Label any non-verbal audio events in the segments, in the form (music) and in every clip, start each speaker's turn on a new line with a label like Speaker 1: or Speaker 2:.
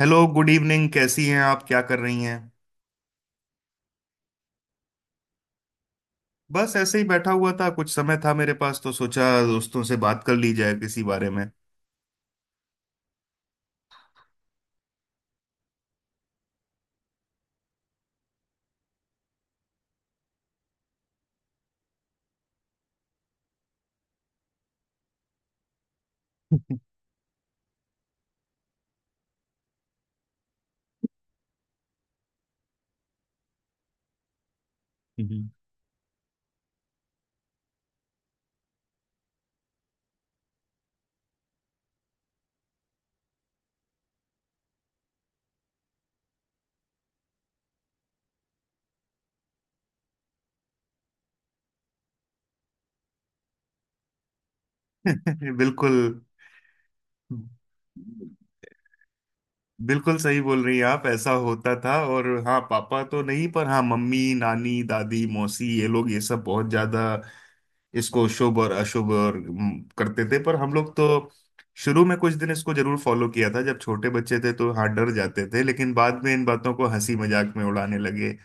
Speaker 1: Hello, good evening. कैसी हैं आप? क्या कर रही हैं? बस ऐसे ही बैठा हुआ था, कुछ समय था मेरे पास तो सोचा दोस्तों से बात कर ली जाए किसी बारे में। हम्म। (laughs) बिल्कुल। बिल्कुल सही बोल रही हैं आप, ऐसा होता था। और हाँ, पापा तो नहीं, पर हाँ मम्मी नानी दादी मौसी, ये लोग ये सब बहुत ज्यादा इसको शुभ और अशुभ और करते थे। पर हम लोग तो शुरू में कुछ दिन इसको जरूर फॉलो किया था, जब छोटे बच्चे थे तो हाँ डर जाते थे, लेकिन बाद में इन बातों को हंसी मजाक में उड़ाने लगे।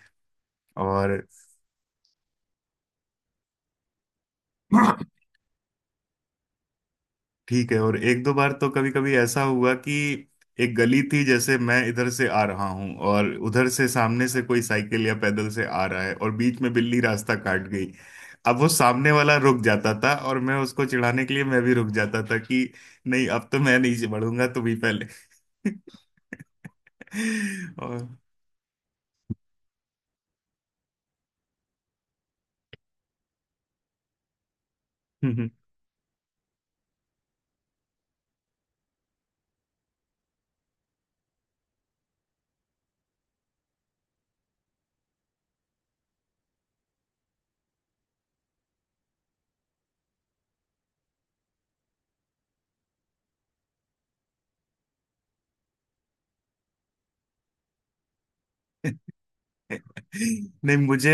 Speaker 1: और ठीक है। और एक दो बार तो कभी कभी ऐसा हुआ कि एक गली थी, जैसे मैं इधर से आ रहा हूं और उधर से सामने से कोई साइकिल या पैदल से आ रहा है और बीच में बिल्ली रास्ता काट गई। अब वो सामने वाला रुक जाता था और मैं उसको चिढ़ाने के लिए मैं भी रुक जाता था कि नहीं, अब तो मैं नहीं बढ़ूंगा, तुम ही पहले। और (laughs) नहीं। मुझे।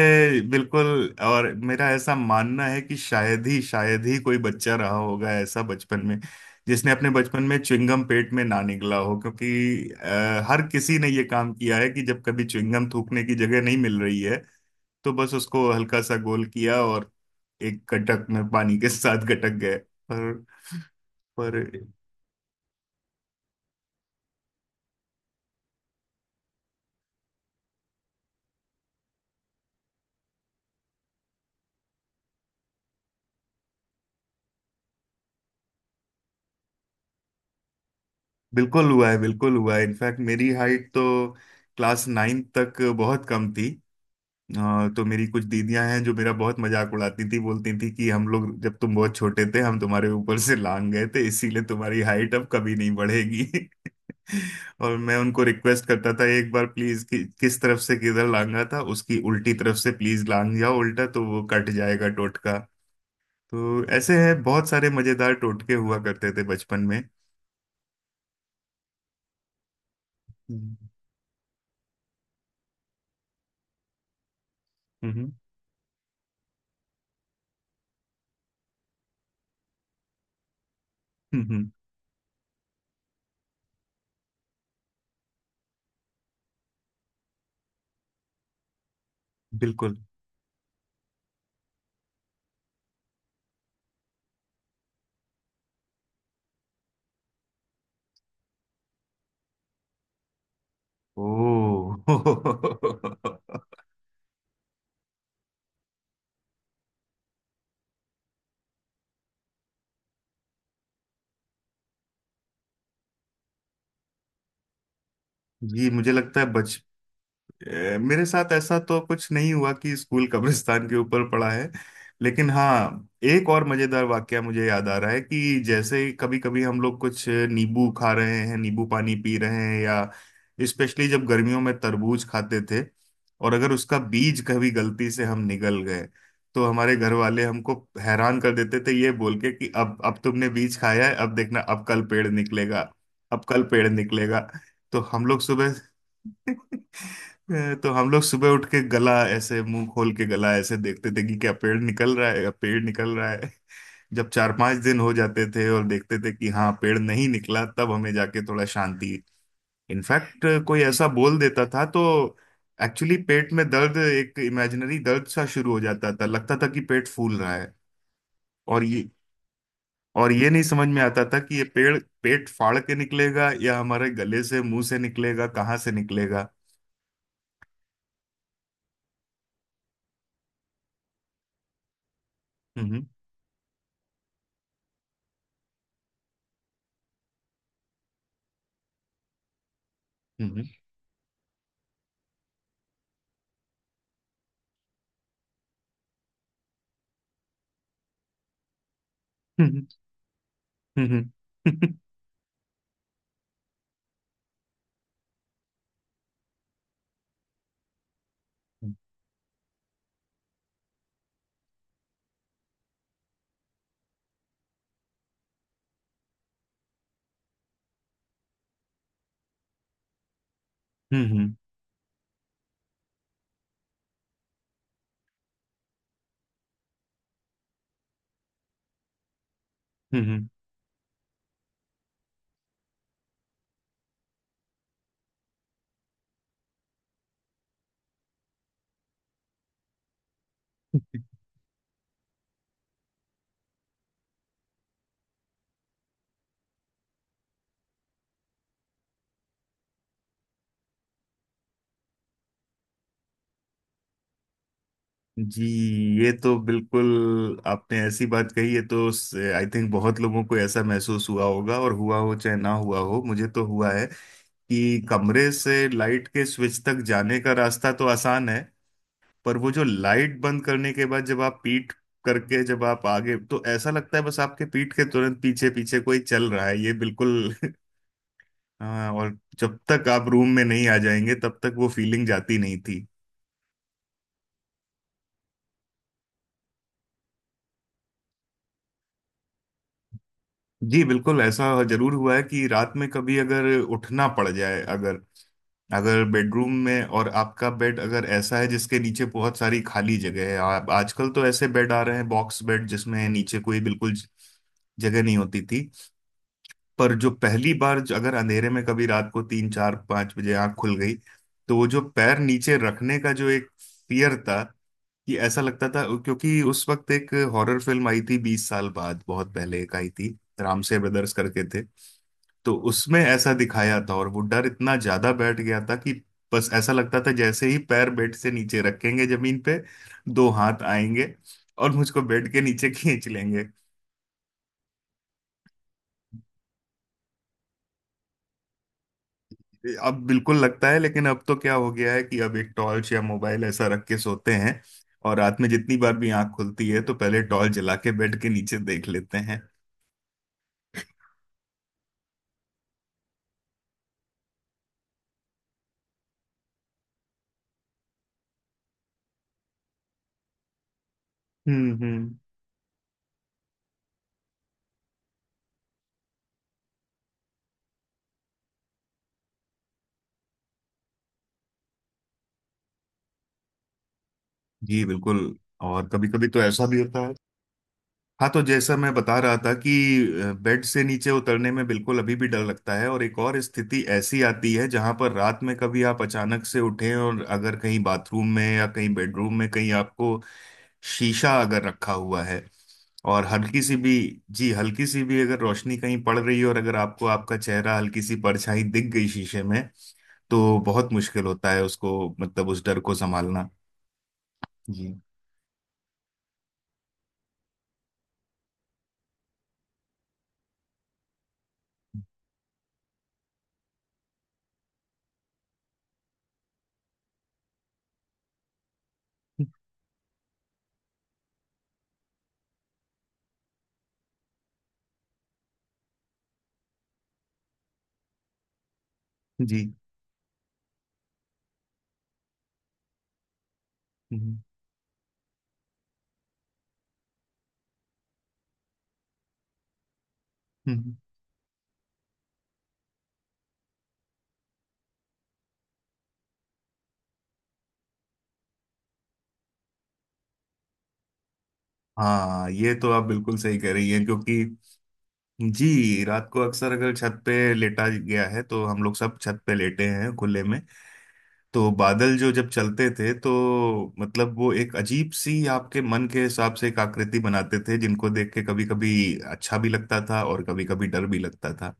Speaker 1: बिल्कुल। और मेरा ऐसा मानना है कि शायद ही कोई बच्चा रहा होगा ऐसा बचपन में जिसने अपने बचपन में च्युइंगम पेट में ना निगला हो, क्योंकि हर किसी ने ये काम किया है कि जब कभी च्युइंगम थूकने की जगह नहीं मिल रही है तो बस उसको हल्का सा गोल किया और एक गटक में पानी के साथ (laughs) गटक गए। पर पर बिल्कुल हुआ है, बिल्कुल हुआ है। इनफैक्ट मेरी हाइट तो क्लास 9 तक बहुत कम थी। तो मेरी कुछ दीदियां हैं जो मेरा बहुत मजाक उड़ाती थी, बोलती थी कि हम लोग जब तुम बहुत छोटे थे हम तुम्हारे ऊपर से लांग गए थे, इसीलिए तुम्हारी हाइट अब कभी नहीं बढ़ेगी। (laughs) और मैं उनको रिक्वेस्ट करता था, एक बार प्लीज कि, किस तरफ से किधर लांगा था, उसकी उल्टी तरफ से प्लीज लांग जाओ, उल्टा तो वो कट जाएगा टोटका। तो ऐसे हैं बहुत सारे मजेदार टोटके हुआ करते थे बचपन में। हम्म। हम्म। हम्म, हम्म, बिल्कुल। ओह। (laughs) जी, मुझे लगता है बच मेरे साथ ऐसा तो कुछ नहीं हुआ कि स्कूल कब्रिस्तान के ऊपर पड़ा है। लेकिन हाँ, एक और मजेदार वाकया मुझे याद आ रहा है कि जैसे कभी कभी हम लोग कुछ नींबू खा रहे हैं, नींबू पानी पी रहे हैं, या स्पेशली जब गर्मियों में तरबूज खाते थे, और अगर उसका बीज कभी गलती से हम निगल गए तो हमारे घर वाले हमको हैरान कर देते थे ये बोल के कि अब तुमने बीज खाया है, अब देखना, अब कल पेड़ निकलेगा। अब कल पेड़ निकलेगा। तो हम लोग सुबह (laughs) तो हम लोग सुबह उठ के गला ऐसे, मुंह खोल के गला ऐसे देखते थे कि क्या पेड़ निकल रहा है, पेड़ निकल रहा है। जब 4-5 दिन हो जाते थे और देखते थे कि हाँ पेड़ नहीं निकला तब हमें जाके थोड़ा शांति। इनफैक्ट कोई ऐसा बोल देता था तो एक्चुअली पेट में दर्द, एक इमेजिनरी दर्द सा शुरू हो जाता था, लगता था कि पेट फूल रहा है। और ये और ये नहीं समझ में आता था कि ये पेड़ पेट फाड़ के निकलेगा या हमारे गले से मुंह से निकलेगा, कहाँ से निकलेगा। हम्म। हम्म। हम्म। हम्म। हम्म, हम्म। हम्म, हम्म। हम्म। हम्म। हम्म, हम्म। जी। ये तो बिल्कुल आपने ऐसी बात कही है तो आई थिंक बहुत लोगों को ऐसा महसूस हुआ होगा, और हुआ हो चाहे ना हुआ हो, मुझे तो हुआ है कि कमरे से लाइट के स्विच तक जाने का रास्ता तो आसान है, पर वो जो लाइट बंद करने के बाद जब आप पीठ करके जब आप आगे, तो ऐसा लगता है बस आपके पीठ के तुरंत पीछे पीछे कोई चल रहा है, ये बिल्कुल। (laughs) हाँ, और जब तक आप रूम में नहीं आ जाएंगे तब तक वो फीलिंग जाती नहीं। जी बिल्कुल, ऐसा जरूर हुआ है कि रात में कभी अगर उठना पड़ जाए, अगर, अगर बेडरूम में, और आपका बेड अगर ऐसा है जिसके नीचे बहुत सारी खाली जगह है, आप आजकल तो ऐसे बेड आ रहे हैं, बॉक्स बेड जिसमें नीचे कोई बिल्कुल जगह नहीं होती थी, पर जो पहली बार, जो अगर अंधेरे में कभी रात को 3-4-5 बजे आंख खुल गई, तो वो जो पैर नीचे रखने का जो एक फियर था, कि ऐसा लगता था क्योंकि उस वक्त एक हॉरर फिल्म आई थी 20 साल बाद, बहुत पहले एक आई थी, रामसे ब्रदर्स करके थे। तो उसमें ऐसा दिखाया था और वो डर इतना ज्यादा बैठ गया था कि बस ऐसा लगता था जैसे ही पैर बेड से नीचे रखेंगे जमीन पे, दो हाथ आएंगे और मुझको बेड के नीचे (laughs) खींच लेंगे। अब बिल्कुल लगता है, लेकिन अब तो क्या हो गया है कि अब एक टॉर्च या मोबाइल ऐसा रख के सोते हैं, और रात में जितनी बार भी आंख खुलती है तो पहले टॉर्च जला के बेड के नीचे देख लेते हैं। हम्म। हम्म। जी बिल्कुल। और कभी कभी तो ऐसा भी होता है। हाँ, तो जैसा मैं बता रहा था कि बेड से नीचे उतरने में बिल्कुल अभी भी डर लगता है, और एक और स्थिति ऐसी आती है जहां पर रात में कभी आप अचानक से उठें, और अगर कहीं बाथरूम में या कहीं बेडरूम में कहीं आपको शीशा अगर रखा हुआ है, और हल्की सी भी, जी, हल्की सी भी अगर रोशनी कहीं पड़ रही है, और अगर आपको आपका चेहरा, हल्की सी परछाई दिख गई शीशे में, तो बहुत मुश्किल होता है उसको, मतलब उस डर को संभालना। जी। जी हाँ, ये तो आप बिल्कुल सही कह रही हैं, क्योंकि जी, रात को अक्सर अगर छत पे लेटा गया है, तो हम लोग सब छत पे लेटे हैं खुले में, तो बादल जो जब चलते थे तो मतलब वो एक अजीब सी आपके मन के हिसाब से एक आकृति बनाते थे, जिनको देख के कभी कभी अच्छा भी लगता था और कभी कभी डर भी लगता था।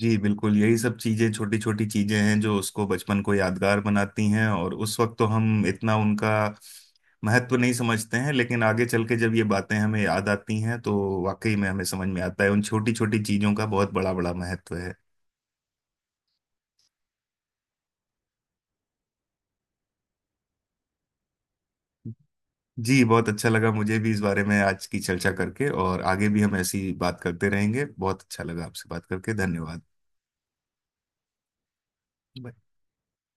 Speaker 1: जी बिल्कुल, यही सब चीजें, छोटी छोटी चीजें हैं जो उसको बचपन को यादगार बनाती हैं, और उस वक्त तो हम इतना उनका महत्व नहीं समझते हैं, लेकिन आगे चल के जब ये बातें हमें याद आती हैं, तो वाकई में हमें समझ में आता है उन छोटी छोटी चीजों का बहुत बड़ा बड़ा महत्व है। जी बहुत अच्छा लगा मुझे भी, इस बारे में आज की चर्चा करके, और आगे भी हम ऐसी बात करते रहेंगे। बहुत अच्छा लगा आपसे बात करके। धन्यवाद।